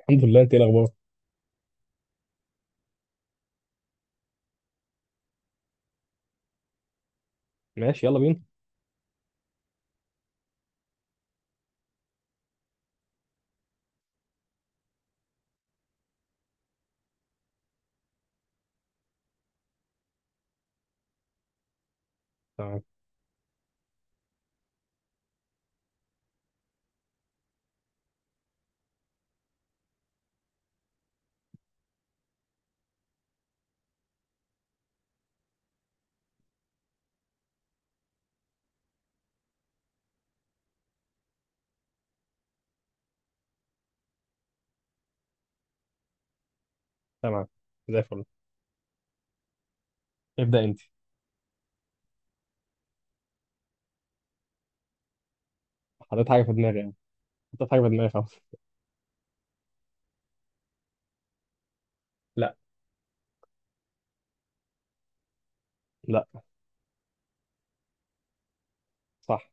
الحمد لله، انت ايه الاخبار؟ ماشي، يلا بينا. تمام. تمام، زي الفل. ابدا انت. حطيت حاجه في دماغي يعني، حطيت حاجه في دماغي خلاص. لا. لا. صح.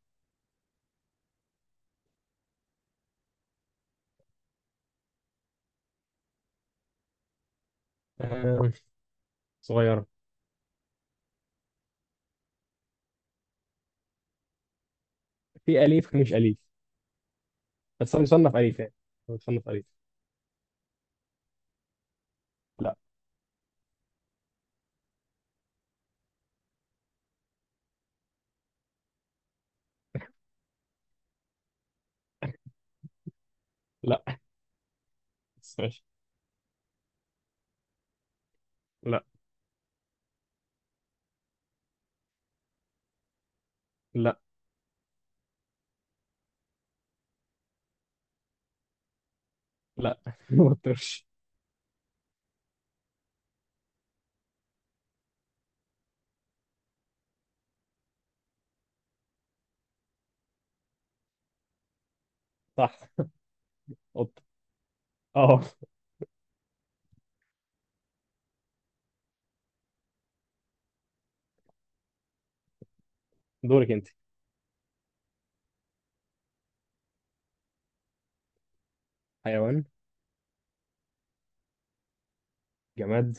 آه. صغيره. في اليف مش اليف، بس هو يصنف اليف يعني، هو يصنف اليف. لا. لا بس ماشي. لا. لا. لا ما تطرش. صح، قط. اه، دورك انت. حيوان؟ جماد؟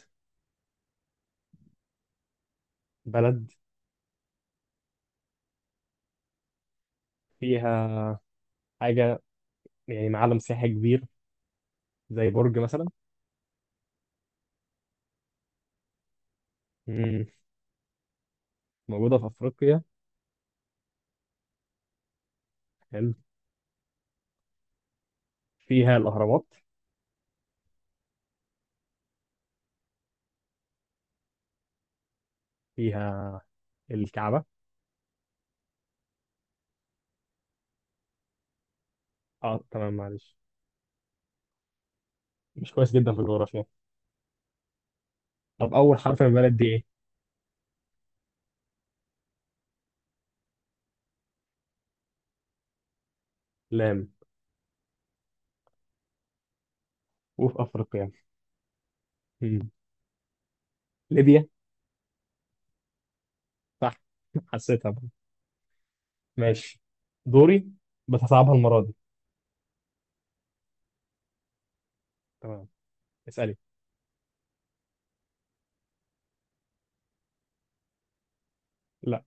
بلد؟ فيها حاجه يعني، معلم سياحي كبير زي برج مثلا. مم. موجوده في افريقيا. حلو. فيها الاهرامات. فيها الكعبة. اه تمام، معلش، مش كويس جدا في الجغرافيا. طب أول حرف من البلد دي إيه؟ لام، وفي افريقيا. مم. ليبيا. صح حسيتها بقى. ماشي. دوري. بتصعبها المره دي. تمام. اسألي. لا.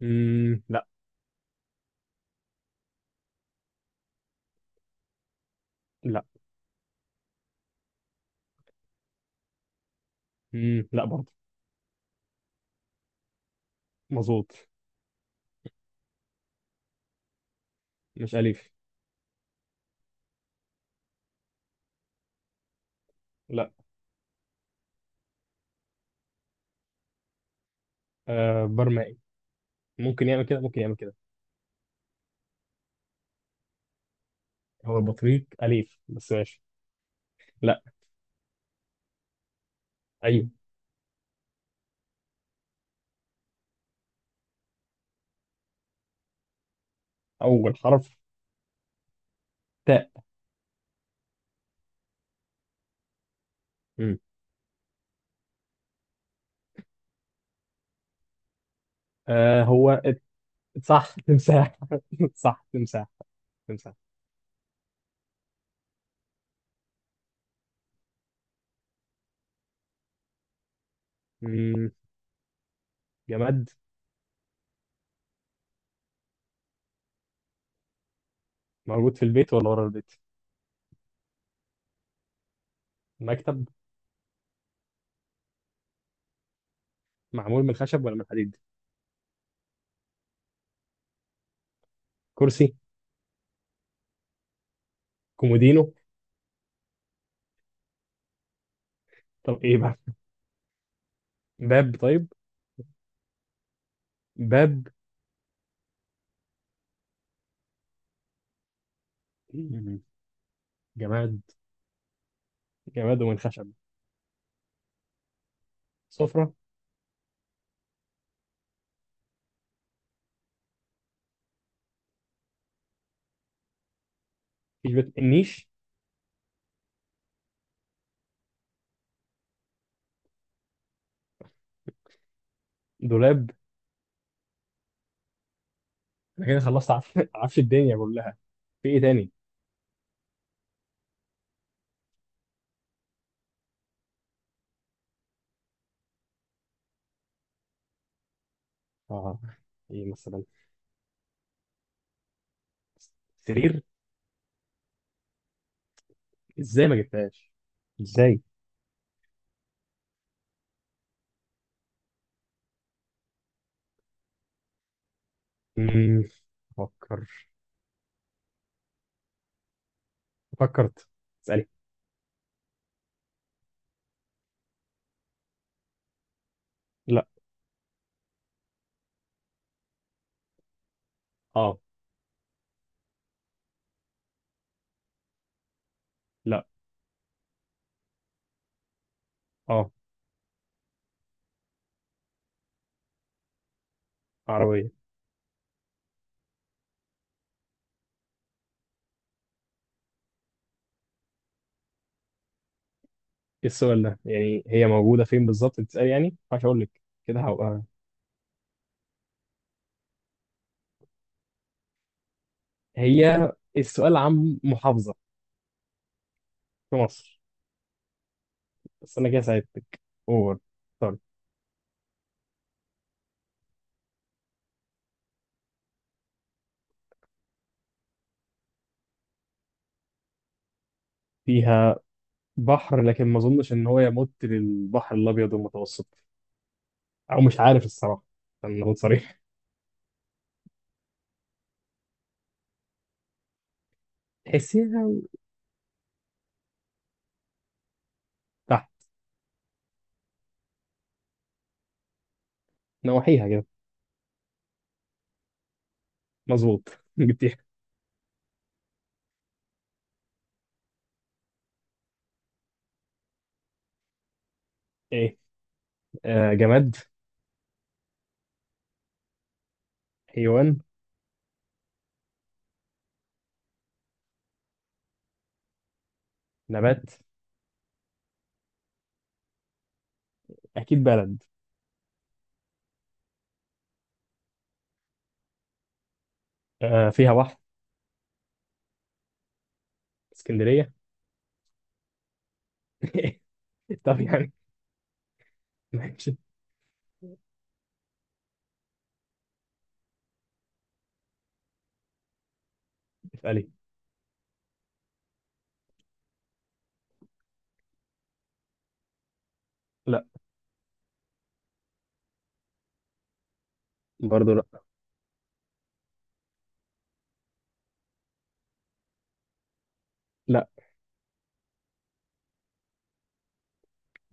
مم. لا. لا. مم. لا برضه. مظبوط. مش أليف. لا. آه، برمائي. ممكن يعمل كده، ممكن يعمل كده. هو البطريق أليف، بس ماشي. لا. أيوه. أول حرف، تاء. مم. آه، هو صح، تمساح صح، تمساح. تمساح. مم. جماد. موجود في البيت ولا ورا البيت؟ مكتب. معمول من خشب ولا من حديد؟ كرسي. كومودينو. طب ايه بقى؟ باب طيب. باب. مم. جماد، جماد ومن خشب. سفرة. مفيش بيت النيش. دولاب. انا كده خلصت عفش الدنيا كلها، في ايه تاني؟ اه. ايه مثلا؟ سرير. ازاي ما جبتهاش؟ ازاي؟ مم. فكر. فكرت. اسألي. لا. اه. لا. اه، عربية. ايه السؤال ده؟ يعني هي موجودة فين بالظبط؟ بتسأل يعني؟ مش هقول لك. كده هبقى. هي، السؤال عن محافظة في مصر. بس انا كده ساعدتك اوفر. طيب، فيها بحر، لكن ما اظنش ان هو يمت للبحر الابيض المتوسط، او مش عارف الصراحة، عشان اكون صريح. تحسيها. تحت. نواحيها كده. مظبوط جبتيها. ايه؟ آه، جماد؟ حيوان؟ نبات؟ اكيد بلد. آه، فيها بحر. اسكندرية طب يعني. ماشي. اسألي. لا. برضه لا.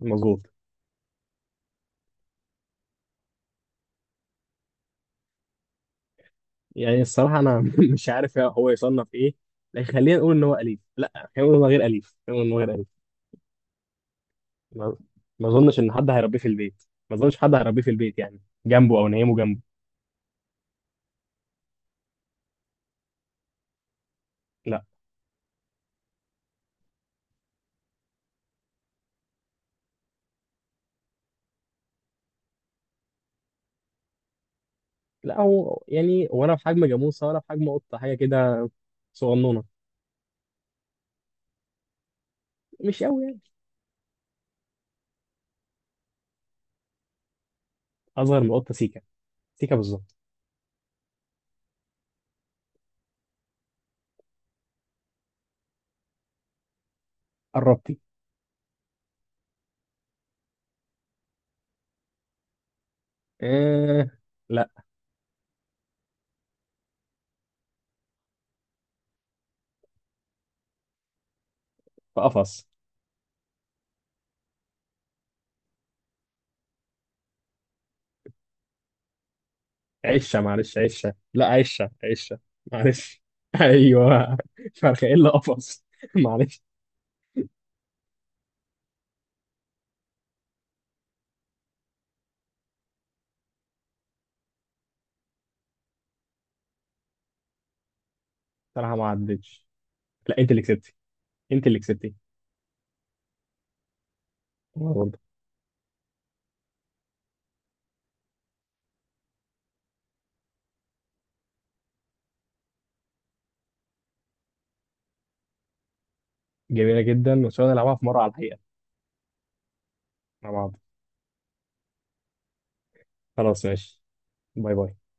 مظبوط. يعني الصراحة أنا مش عارف هو يصنف إيه، لكن خلينا نقول إن هو أليف، لا خلينا نقول إن هو غير أليف، خلينا نقول إن هو غير أليف. ما ما أظنش إن حد هيربيه في البيت، ما أظنش حد هيربيه في البيت يعني، جنبه أو نيمه جنبه. لا. لا، هو يعني ولا في حجم جاموسة ولا في حجم قطة، حاجة كده صغنونة، مش قوي يعني. أصغر من القطة سيكا، سيكا بالظبط. قربتي. آه. لا. في قفص. عشة معلش، عشة، لا عشة، عشة معلش أيوه. فرخة إلا قفص معلش. صراحه ما عدتش. لا، انت اللي كسبتي. انت اللي كسبتي. برضه جميله جدا، وان شاء الله نلعبها في مره على الحقيقه مع بعض. خلاص ماشي. باي باي.